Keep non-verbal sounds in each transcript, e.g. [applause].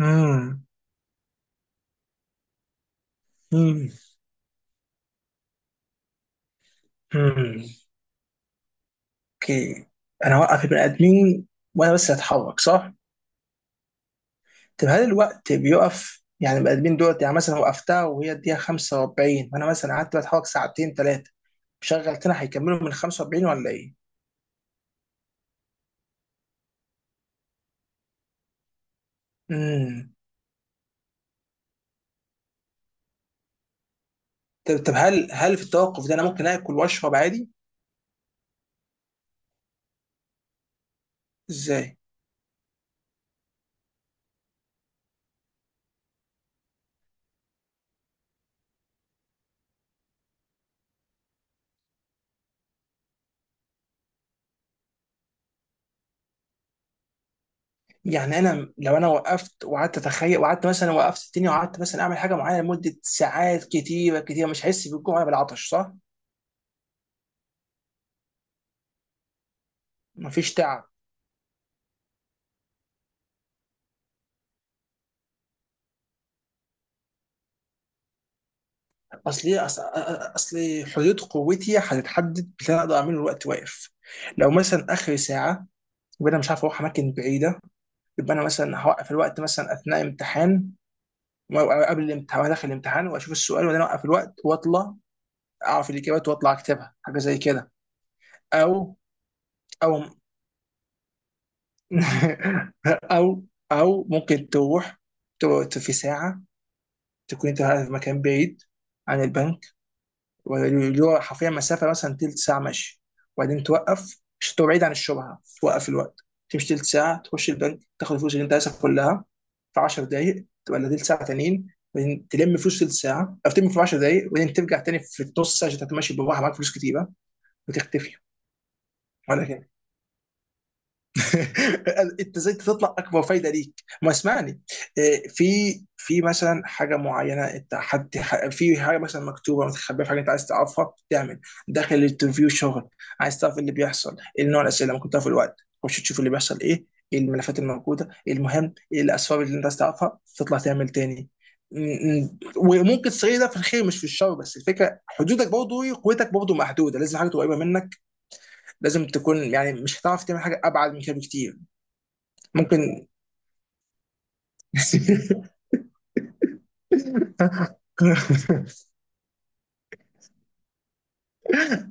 امم امم امم اوكي، انا هوقف البني ادمين وانا بس هتحرك، صح؟ طب هل الوقت بيقف؟ يعني البني ادمين دول يعني مثلا وقفتها وهي الدقيقة 45 وانا مثلا قعدت بتحرك ساعتين ثلاثة شغل تاني، هيكملوا من 45 ولا ايه؟ امم طب، طب هل في التوقف ده انا ممكن اكل واشرب عادي؟ ازاي؟ يعني انا لو انا وقفت وقعدت اتخيل وقعدت مثلا وقفت الدنيا وقعدت مثلا اعمل حاجة معينة لمدة ساعات كتيرة كتيرة مش هحس بالجوع ولا بالعطش، صح؟ مفيش تعب. اصلي اصلي حدود قوتي هتتحدد باللي انا اقدر اعمله الوقت واقف. لو مثلا اخر ساعه، يبقى انا مش عارف اروح اماكن بعيده. يبقى انا مثلا هوقف الوقت مثلا اثناء امتحان، أو قبل الامتحان وأنا داخل الامتحان واشوف السؤال وبعدين اوقف الوقت واطلع اعرف الاجابات واطلع اكتبها، حاجه زي كده. او او [laughs] او او ممكن تروح تقعد في ساعه، تكون انت قاعد في مكان بعيد عن البنك، اللي هو حرفيا مسافه مثلا تلت ساعه مشي، وبعدين توقف عشان تبقى بعيد عن الشبهه، توقف الوقت تمشي تلت ساعه تخش البنك تاخد الفلوس اللي انت عايزها كلها في 10 دقائق ولا تلت ساعه تانيين، وبعدين تلم فلوس تلت ساعه او تلم في 10 دقائق وبعدين ترجع تاني في النص ساعه عشان تتمشي بالراحه معاك فلوس كتيره وتختفي، ولا كده؟ [applause] انت ازاي تطلع اكبر فايده ليك؟ ما اسمعني. إيه، في في مثلا حاجه معينه، انت حد في حاجه مثلا مكتوبه متخبيه، في حاجه انت عايز تعرفها، تعمل داخل الانترفيو شغل، عايز تعرف إيه اللي بيحصل، ايه نوع الاسئله اللي ممكن تعرف، الوقت خش تشوف اللي بيحصل ايه، ايه الملفات الموجوده، ايه المهم، ايه الاسباب اللي انت عايز تعرفها، تطلع تعمل تاني. وممكن تصير ده في الخير مش في الشر، بس الفكره حدودك برضه، قوتك برضه محدوده، لازم حاجه تبقى قريبه منك، لازم تكون، يعني مش هتعرف تعمل حاجه ابعد من كده بكتير. ممكن. [laughs]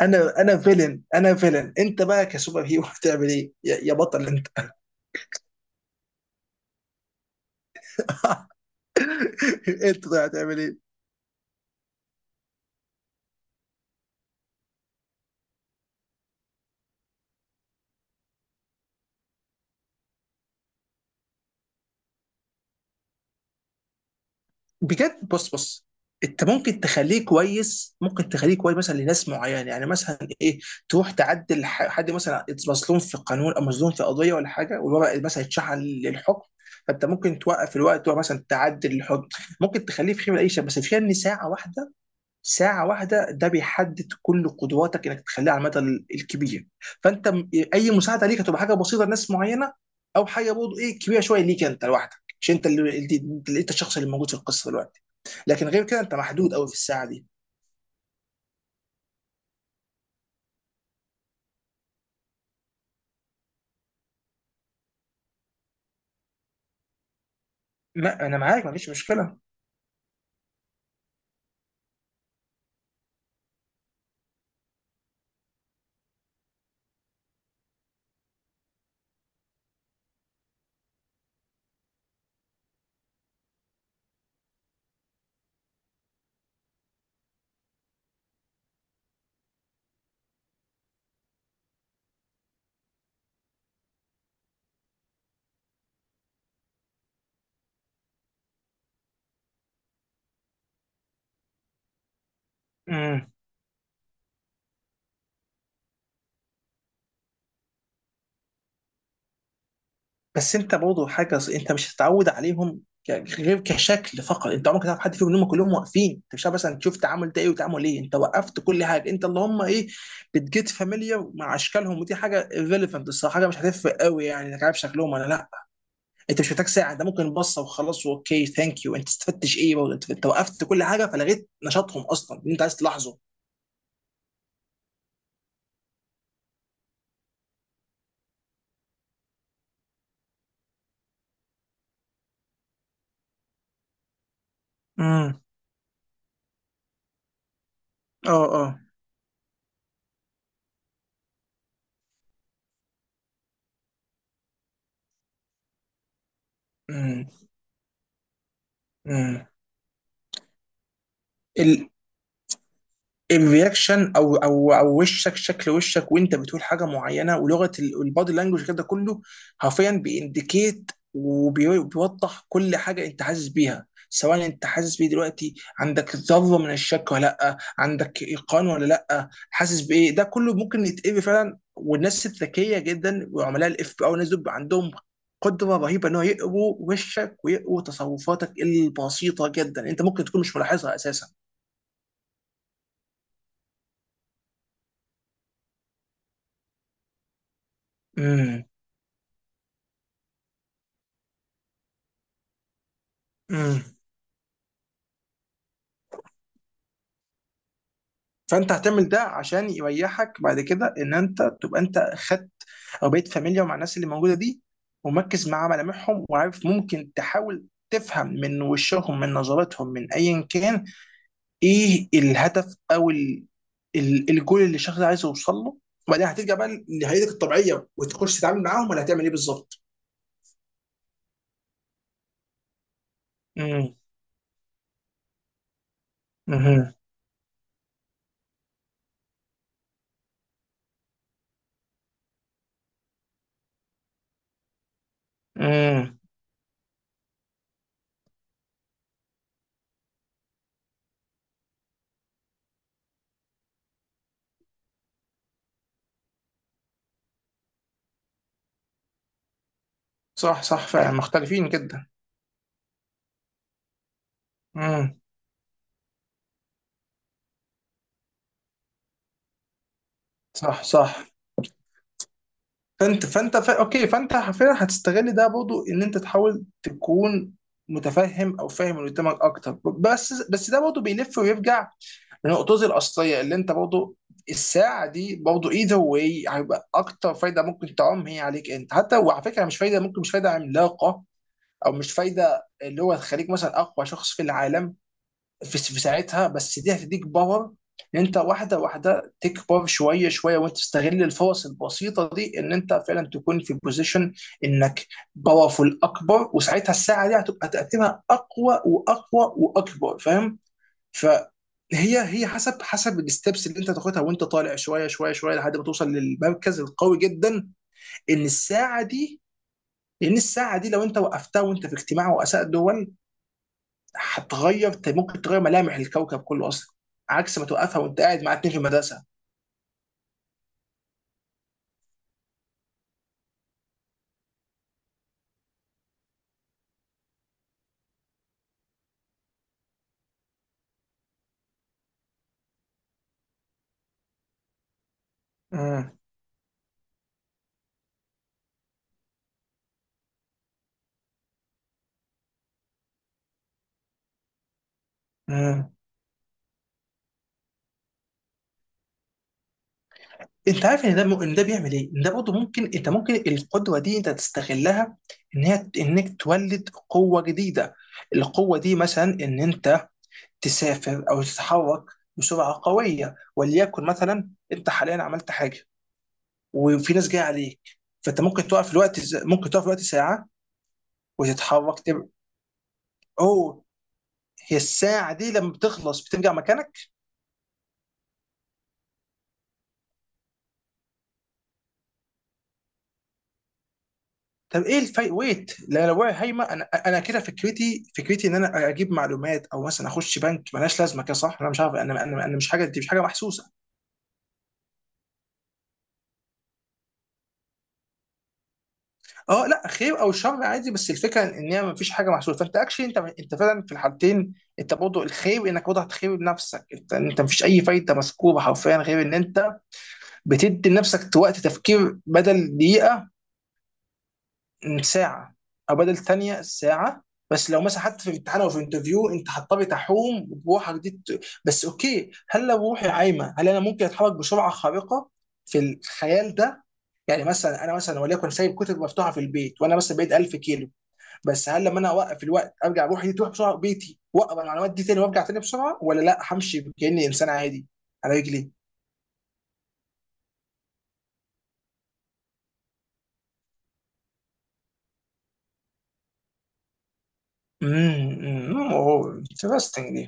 انا فيلن، انا فيلن، انت بقى كسوبر هيرو هتعمل ايه يا بطل انت؟ [laughs] انت، طيب هتعمل ايه؟ بجد، بص، انت ممكن تخليه كويس، ممكن تخليه كويس مثلا لناس معينه، يعني مثلا ايه، تروح تعدل حد مثلا مظلوم في قانون او مظلوم في قضيه ولا حاجه، والورق مثلا يتشحن للحكم، فانت ممكن توقف الوقت مثلا تعدل الحكم. ممكن تخليه في خيمه، العيشه بس فيها ان ساعه واحده، ساعة واحدة ده بيحدد كل قدراتك انك تخليها على المدى الكبير. فانت اي مساعدة ليك هتبقى حاجة بسيطة لناس معينة، او حاجة برضه ايه كبيرة شوية ليك انت لوحدك. مش انت اللي انت الشخص اللي موجود في القصة دلوقتي، لكن غير كده انت محدود قوي في الساعة دي. لا انا معاك، ما فيش مشكلة. بس انت برضه حاجه انت مش هتتعود عليهم غير كشكل فقط، انت عمرك هتعرف حد فيهم، ان هم كلهم واقفين، انت مش عارف مثلا تشوف تعامل ده ايه وتعامل ايه، انت وقفت كل حاجه، انت اللهم ايه، بتجيت فاميليا مع اشكالهم، ودي حاجه ريليفنت الصراحه، حاجه مش هتفرق قوي، يعني انك عارف شكلهم ولا لا. انت مش محتاج ساعه، انت ممكن بصه وخلاص، اوكي ثانك يو. انت استفدتش ايه برضه؟ انت انت وقفت كل حاجه فلغيت نشاطهم اصلا اللي انت عايز تلاحظه. امم، اه اه، امم امم. الرياكشن، او وشك، شكل وشك وانت بتقول حاجه معينه، ولغه البادي لانجوج كده كله حرفيا بيindicate وبيوضح كل حاجه انت حاسس بيها، سواء انت حاسس بيه دلوقتي عندك ذره من الشك ولا لا، عندك ايقان ولا لا، حاسس بايه، ده كله ممكن يتقري فعلا، والناس الذكيه جدا وعملاء الاف بي او الناس دول بيبقى عندهم قدره رهيبه ان هو يقروا وشك ويقروا تصرفاتك البسيطه جدا، انت ممكن تكون مش ملاحظها اساسا. امم. فانت هتعمل ده عشان يريحك بعد كده، ان انت تبقى انت خدت، او بقيت فاميليار مع الناس اللي موجوده دي، ومركز مع ملامحهم، وعارف، ممكن تحاول تفهم من وشهم، من نظرتهم، من ايا كان، ايه الهدف او الجول اللي الشخص ده عايز يوصل له، وبعدين هترجع بقى لهيئتك الطبيعيه وتخش تتعامل معاهم، ولا هتعمل ايه بالظبط؟ امم، امم، امم. صح صح، فعلا مختلفين جدا. امم. صح صح. فانت، اوكي فانت حرفيا هتستغل ده برضه، ان انت تحاول تكون متفهم او فاهم اللي قدامك اكتر، بس ده برضه بيلف ويرجع لنقطتي الاصليه اللي انت برضه، الساعه دي برضه ايذر واي هيبقى اكتر فايده ممكن تعم هي عليك انت، حتى وعلى فكره مش فايده، ممكن مش فايده عملاقه، او مش فايده اللي هو تخليك مثلا اقوى شخص في العالم في في ساعتها، بس دي هتديك باور ان انت واحده واحده تكبر شويه شويه، وانت تستغل الفرص البسيطه دي ان انت فعلا تكون في بوزيشن انك باورفول اكبر، وساعتها الساعه دي هتبقى تاثيرها اقوى واقوى واكبر، فاهم؟ فهي هي حسب الستبس اللي انت تاخدها وانت طالع شويه شويه شويه لحد ما توصل للمركز القوي جدا، ان الساعه دي، لان الساعه دي لو انت وقفتها وانت في اجتماع رؤساء دول هتغير، ممكن تغير ملامح الكوكب كله اصلا، عكس ما توقفها وانت قاعد مع اتنين في المدرسه. مم. مم. انت عارف ان ده ان ده بيعمل ايه؟ ان ده برضه ممكن، انت ممكن القدره دي انت تستغلها، ان هي انك تولد قوه جديده. القوه دي مثلا ان انت تسافر او تتحرك بسرعه قويه، وليكن مثلا انت حاليا عملت حاجه وفي ناس جايه عليك، فانت ممكن تقف في الوقت ممكن تقف في الوقت ساعه وتتحرك اوه، هي الساعه دي لما بتخلص بترجع مكانك؟ طب ايه الفايت ويت؟ لا لو وقع هايمه، انا كده فكرتي ان انا اجيب معلومات او مثلا اخش بنك ملهاش لازمه كده صح، انا مش عارف، انا مش، حاجه دي مش حاجه محسوسه. اه لا، خير او شر عادي، بس الفكره ان هي ما فيش حاجه محسوسه، فانت اكشلي انت فعلا في الحالتين انت برضه الخير، انك وضعت خير بنفسك، انت ما فيش اي فايده مذكوره حرفيا غير ان انت بتدي لنفسك وقت تفكير، بدل دقيقه ساعة، أو بدل ثانية ساعة. بس لو مثلا حتى في امتحان أو في انترفيو أنت هتضطري تحوم بروحك دي بس أوكي، هل لو روحي عايمة هل أنا ممكن أتحرك بسرعة خارقة في الخيال ده؟ يعني مثلا أنا مثلا وليكن سايب كتب مفتوحة في البيت وأنا مثلا بعيد 1000 كيلو، بس هل لما أنا أوقف الوقت أرجع روحي دي تروح بسرعة بيتي وأقرأ المعلومات دي تاني وأرجع تاني بسرعة، ولا لأ همشي كأني إنسان عادي على رجلي؟ امم، امم، انترستنج.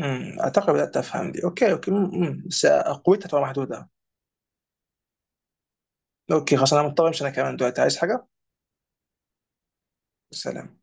اعتقد بدات افهم دي، اوكي اوكي. بس آه، قوتها تبقى محدوده. اوكي خلاص انا مضطر امشي انا كمان دلوقتي، عايز حاجه. سلام.